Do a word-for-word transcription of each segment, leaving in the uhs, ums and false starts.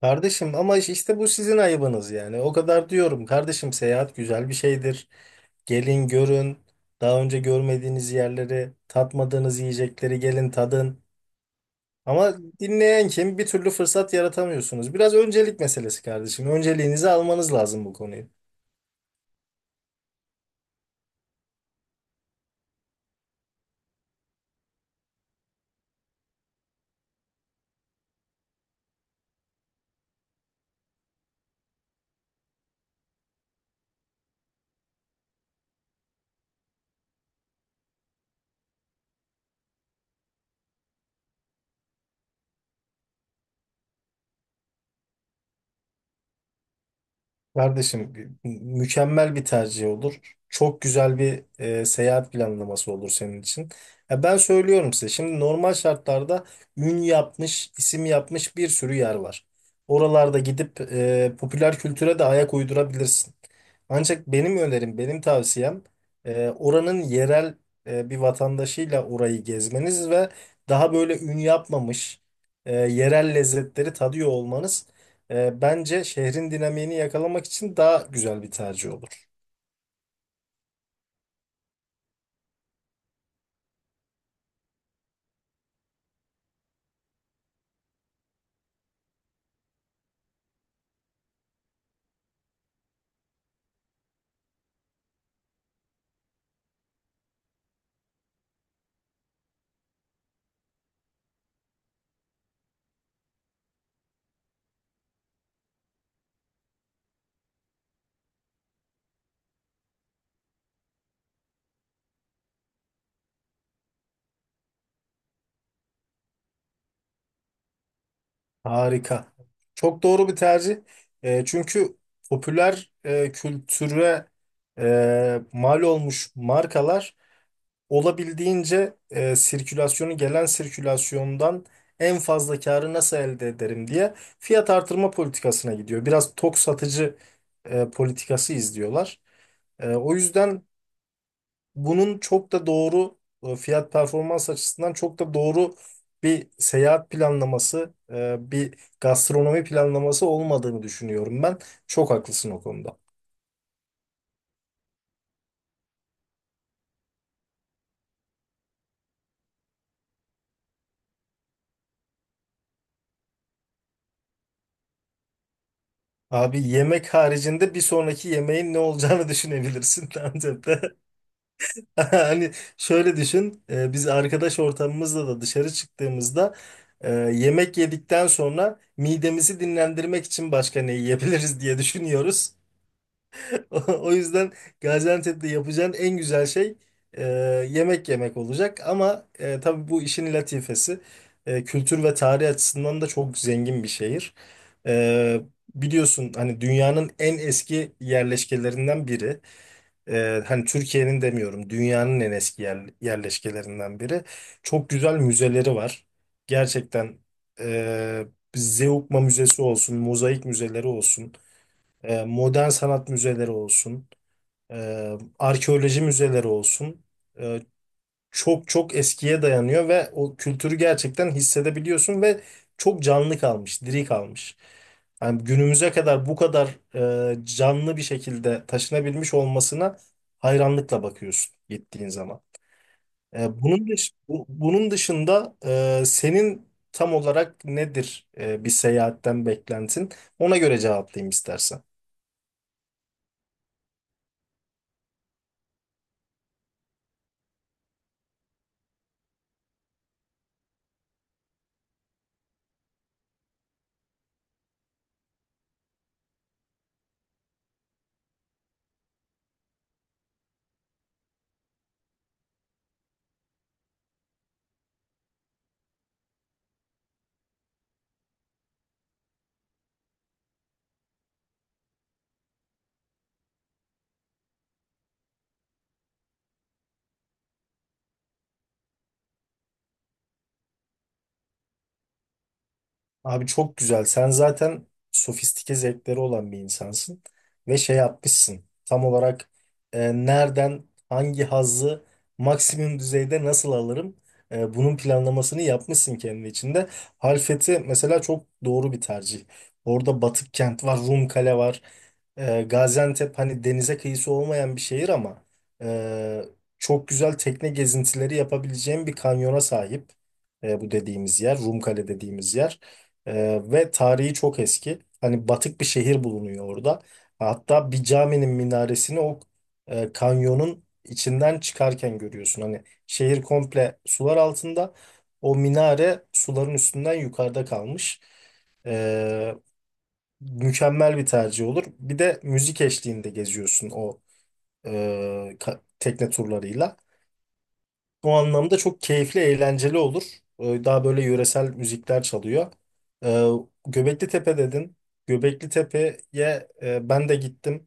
Kardeşim ama işte bu sizin ayıbınız yani. O kadar diyorum. Kardeşim seyahat güzel bir şeydir. Gelin görün. Daha önce görmediğiniz yerleri, tatmadığınız yiyecekleri gelin tadın. Ama dinleyen kim? Bir türlü fırsat yaratamıyorsunuz. Biraz öncelik meselesi kardeşim. Önceliğinizi almanız lazım bu konuyu. Kardeşim mükemmel bir tercih olur. Çok güzel bir e, seyahat planlaması olur senin için. Ya ben söylüyorum size şimdi normal şartlarda ün yapmış, isim yapmış bir sürü yer var. Oralarda gidip e, popüler kültüre de ayak uydurabilirsin. Ancak benim önerim, benim tavsiyem e, oranın yerel e, bir vatandaşıyla orayı gezmeniz ve daha böyle ün yapmamış e, yerel lezzetleri tadıyor olmanız. E, bence şehrin dinamiğini yakalamak için daha güzel bir tercih olur. Harika. Çok doğru bir tercih. E, çünkü popüler e, kültüre e, mal olmuş markalar olabildiğince e, sirkülasyonu gelen sirkülasyondan en fazla karı nasıl elde ederim diye fiyat artırma politikasına gidiyor. Biraz tok satıcı e, politikası izliyorlar. E, o yüzden bunun çok da doğru e, fiyat performans açısından çok da doğru bir seyahat planlaması, e, bir gastronomi planlaması olmadığını düşünüyorum ben. Çok haklısın o konuda. Abi yemek haricinde bir sonraki yemeğin ne olacağını düşünebilirsin bence de. Hani şöyle düşün, e, biz arkadaş ortamımızla da dışarı çıktığımızda e, yemek yedikten sonra midemizi dinlendirmek için başka ne yiyebiliriz diye düşünüyoruz. O yüzden Gaziantep'te yapacağın en güzel şey e, yemek yemek olacak. Ama e, tabii bu işin latifesi e, kültür ve tarih açısından da çok zengin bir şehir. E, Biliyorsun hani dünyanın en eski yerleşkelerinden biri. E, hani Türkiye'nin demiyorum dünyanın en eski yer- yerleşkelerinden biri. Çok güzel müzeleri var. Gerçekten e, Zeugma Müzesi olsun, mozaik müzeleri olsun, e, modern sanat müzeleri olsun e, arkeoloji müzeleri olsun. E, Çok çok eskiye dayanıyor ve o kültürü gerçekten hissedebiliyorsun ve çok canlı kalmış, diri kalmış. Yani günümüze kadar bu kadar e, canlı bir şekilde taşınabilmiş olmasına hayranlıkla bakıyorsun gittiğin zaman. E, bunun dış, bu- bunun dışında e, senin tam olarak nedir e, bir seyahatten beklentin? Ona göre cevaplayayım istersen. Abi çok güzel. Sen zaten sofistike zevkleri olan bir insansın ve şey yapmışsın. Tam olarak e, nereden hangi hazzı maksimum düzeyde nasıl alırım? E, bunun planlamasını yapmışsın kendi içinde. Halfeti mesela çok doğru bir tercih. Orada Batık kent var, Rum kale var. E, Gaziantep hani denize kıyısı olmayan bir şehir ama e, çok güzel tekne gezintileri yapabileceğim bir kanyona sahip. E, bu dediğimiz yer, Rumkale dediğimiz yer. Ee, ve tarihi çok eski. Hani batık bir şehir bulunuyor orada. Hatta bir caminin minaresini o e, kanyonun içinden çıkarken görüyorsun. Hani şehir komple sular altında. O minare suların üstünden yukarıda kalmış. Ee, Mükemmel bir tercih olur. Bir de müzik eşliğinde geziyorsun o e, ka- tekne turlarıyla. O anlamda çok keyifli, eğlenceli olur. Ee, Daha böyle yöresel müzikler çalıyor. Ee, Göbekli Tepe dedin. Göbekli Tepe'ye e, ben de gittim.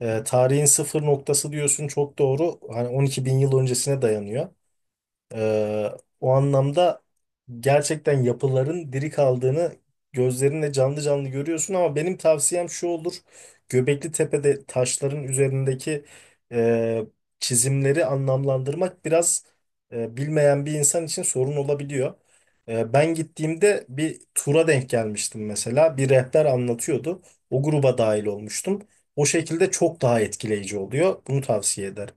Ee, Tarihin sıfır noktası diyorsun çok doğru. Hani on iki bin yıl öncesine dayanıyor. Ee, O anlamda gerçekten yapıların diri kaldığını gözlerinle canlı canlı görüyorsun ama benim tavsiyem şu olur. Göbekli Tepe'de taşların üzerindeki e, çizimleri anlamlandırmak biraz e, bilmeyen bir insan için sorun olabiliyor. E, ben gittiğimde bir tura denk gelmiştim mesela. Bir rehber anlatıyordu. O gruba dahil olmuştum. O şekilde çok daha etkileyici oluyor. Bunu tavsiye ederim.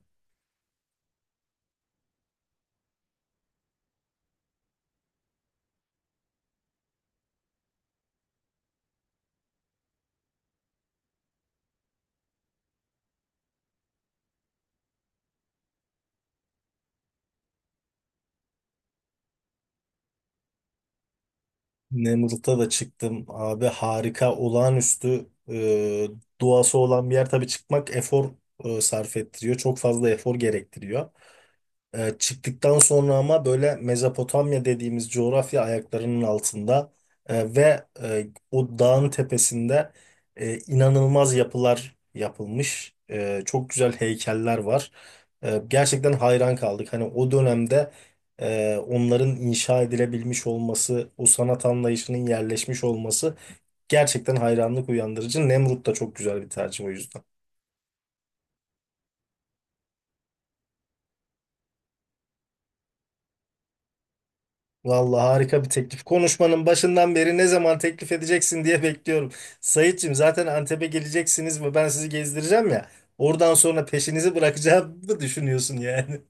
Nemrut'a da çıktım abi harika olağanüstü e, doğası olan bir yer tabii çıkmak efor e, sarf ettiriyor. Çok fazla efor gerektiriyor. E, çıktıktan sonra ama böyle Mezopotamya dediğimiz coğrafya ayaklarının altında e, ve e, o dağın tepesinde e, inanılmaz yapılar yapılmış. E, çok güzel heykeller var. E, gerçekten hayran kaldık. Hani o dönemde e, onların inşa edilebilmiş olması, o sanat anlayışının yerleşmiş olması gerçekten hayranlık uyandırıcı. Nemrut da çok güzel bir tercih o yüzden. Vallahi harika bir teklif. Konuşmanın başından beri ne zaman teklif edeceksin diye bekliyorum. Sayitçim zaten Antep'e geleceksiniz ve ben sizi gezdireceğim ya. Oradan sonra peşinizi bırakacağımı düşünüyorsun yani.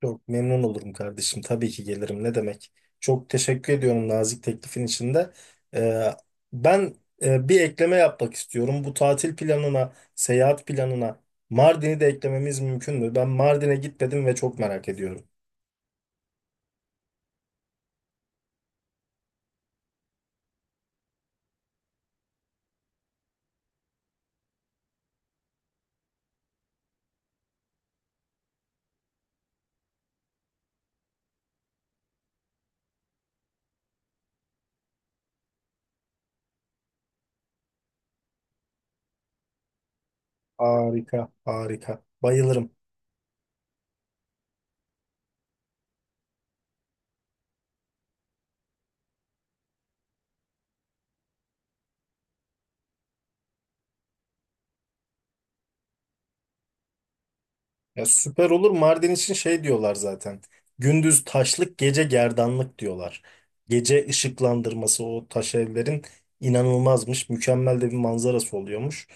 Çok memnun olurum kardeşim. Tabii ki gelirim. Ne demek? Çok teşekkür ediyorum nazik teklifin içinde. Ee, Ben e, bir ekleme yapmak istiyorum. Bu tatil planına, seyahat planına Mardin'i de eklememiz mümkün mü? Ben Mardin'e gitmedim ve çok merak ediyorum. Harika, harika. Bayılırım. Ya süper olur. Mardin için şey diyorlar zaten. Gündüz taşlık, gece gerdanlık diyorlar. Gece ışıklandırması o taş evlerin inanılmazmış. Mükemmel de bir manzarası oluyormuş.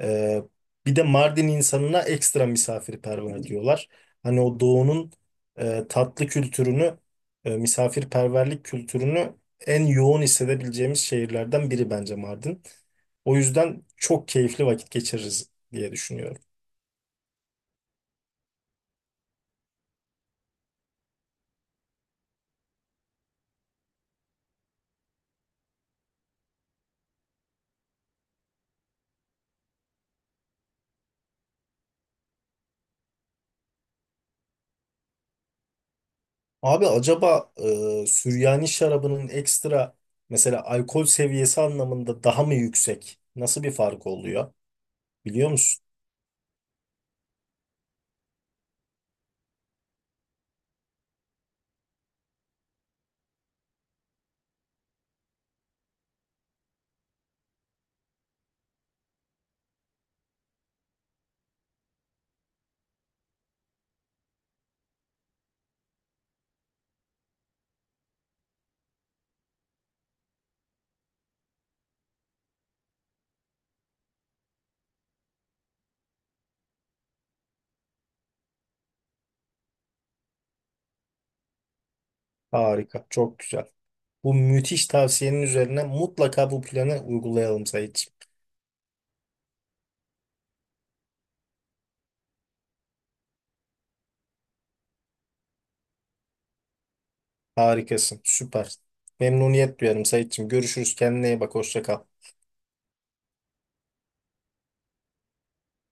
Ee, Bir de Mardin insanına ekstra misafirperver diyorlar. Hani o doğunun e, tatlı kültürünü, e, misafirperverlik kültürünü en yoğun hissedebileceğimiz şehirlerden biri bence Mardin. O yüzden çok keyifli vakit geçiririz diye düşünüyorum. Abi acaba e, Süryani şarabının ekstra mesela alkol seviyesi anlamında daha mı yüksek? Nasıl bir fark oluyor? Biliyor musun? Harika, çok güzel. Bu müthiş tavsiyenin üzerine mutlaka bu planı uygulayalım Saitçiğim. Harikasın, süper. Memnuniyet duyarım Saitçiğim. Görüşürüz, kendine iyi bak, hoşça kal.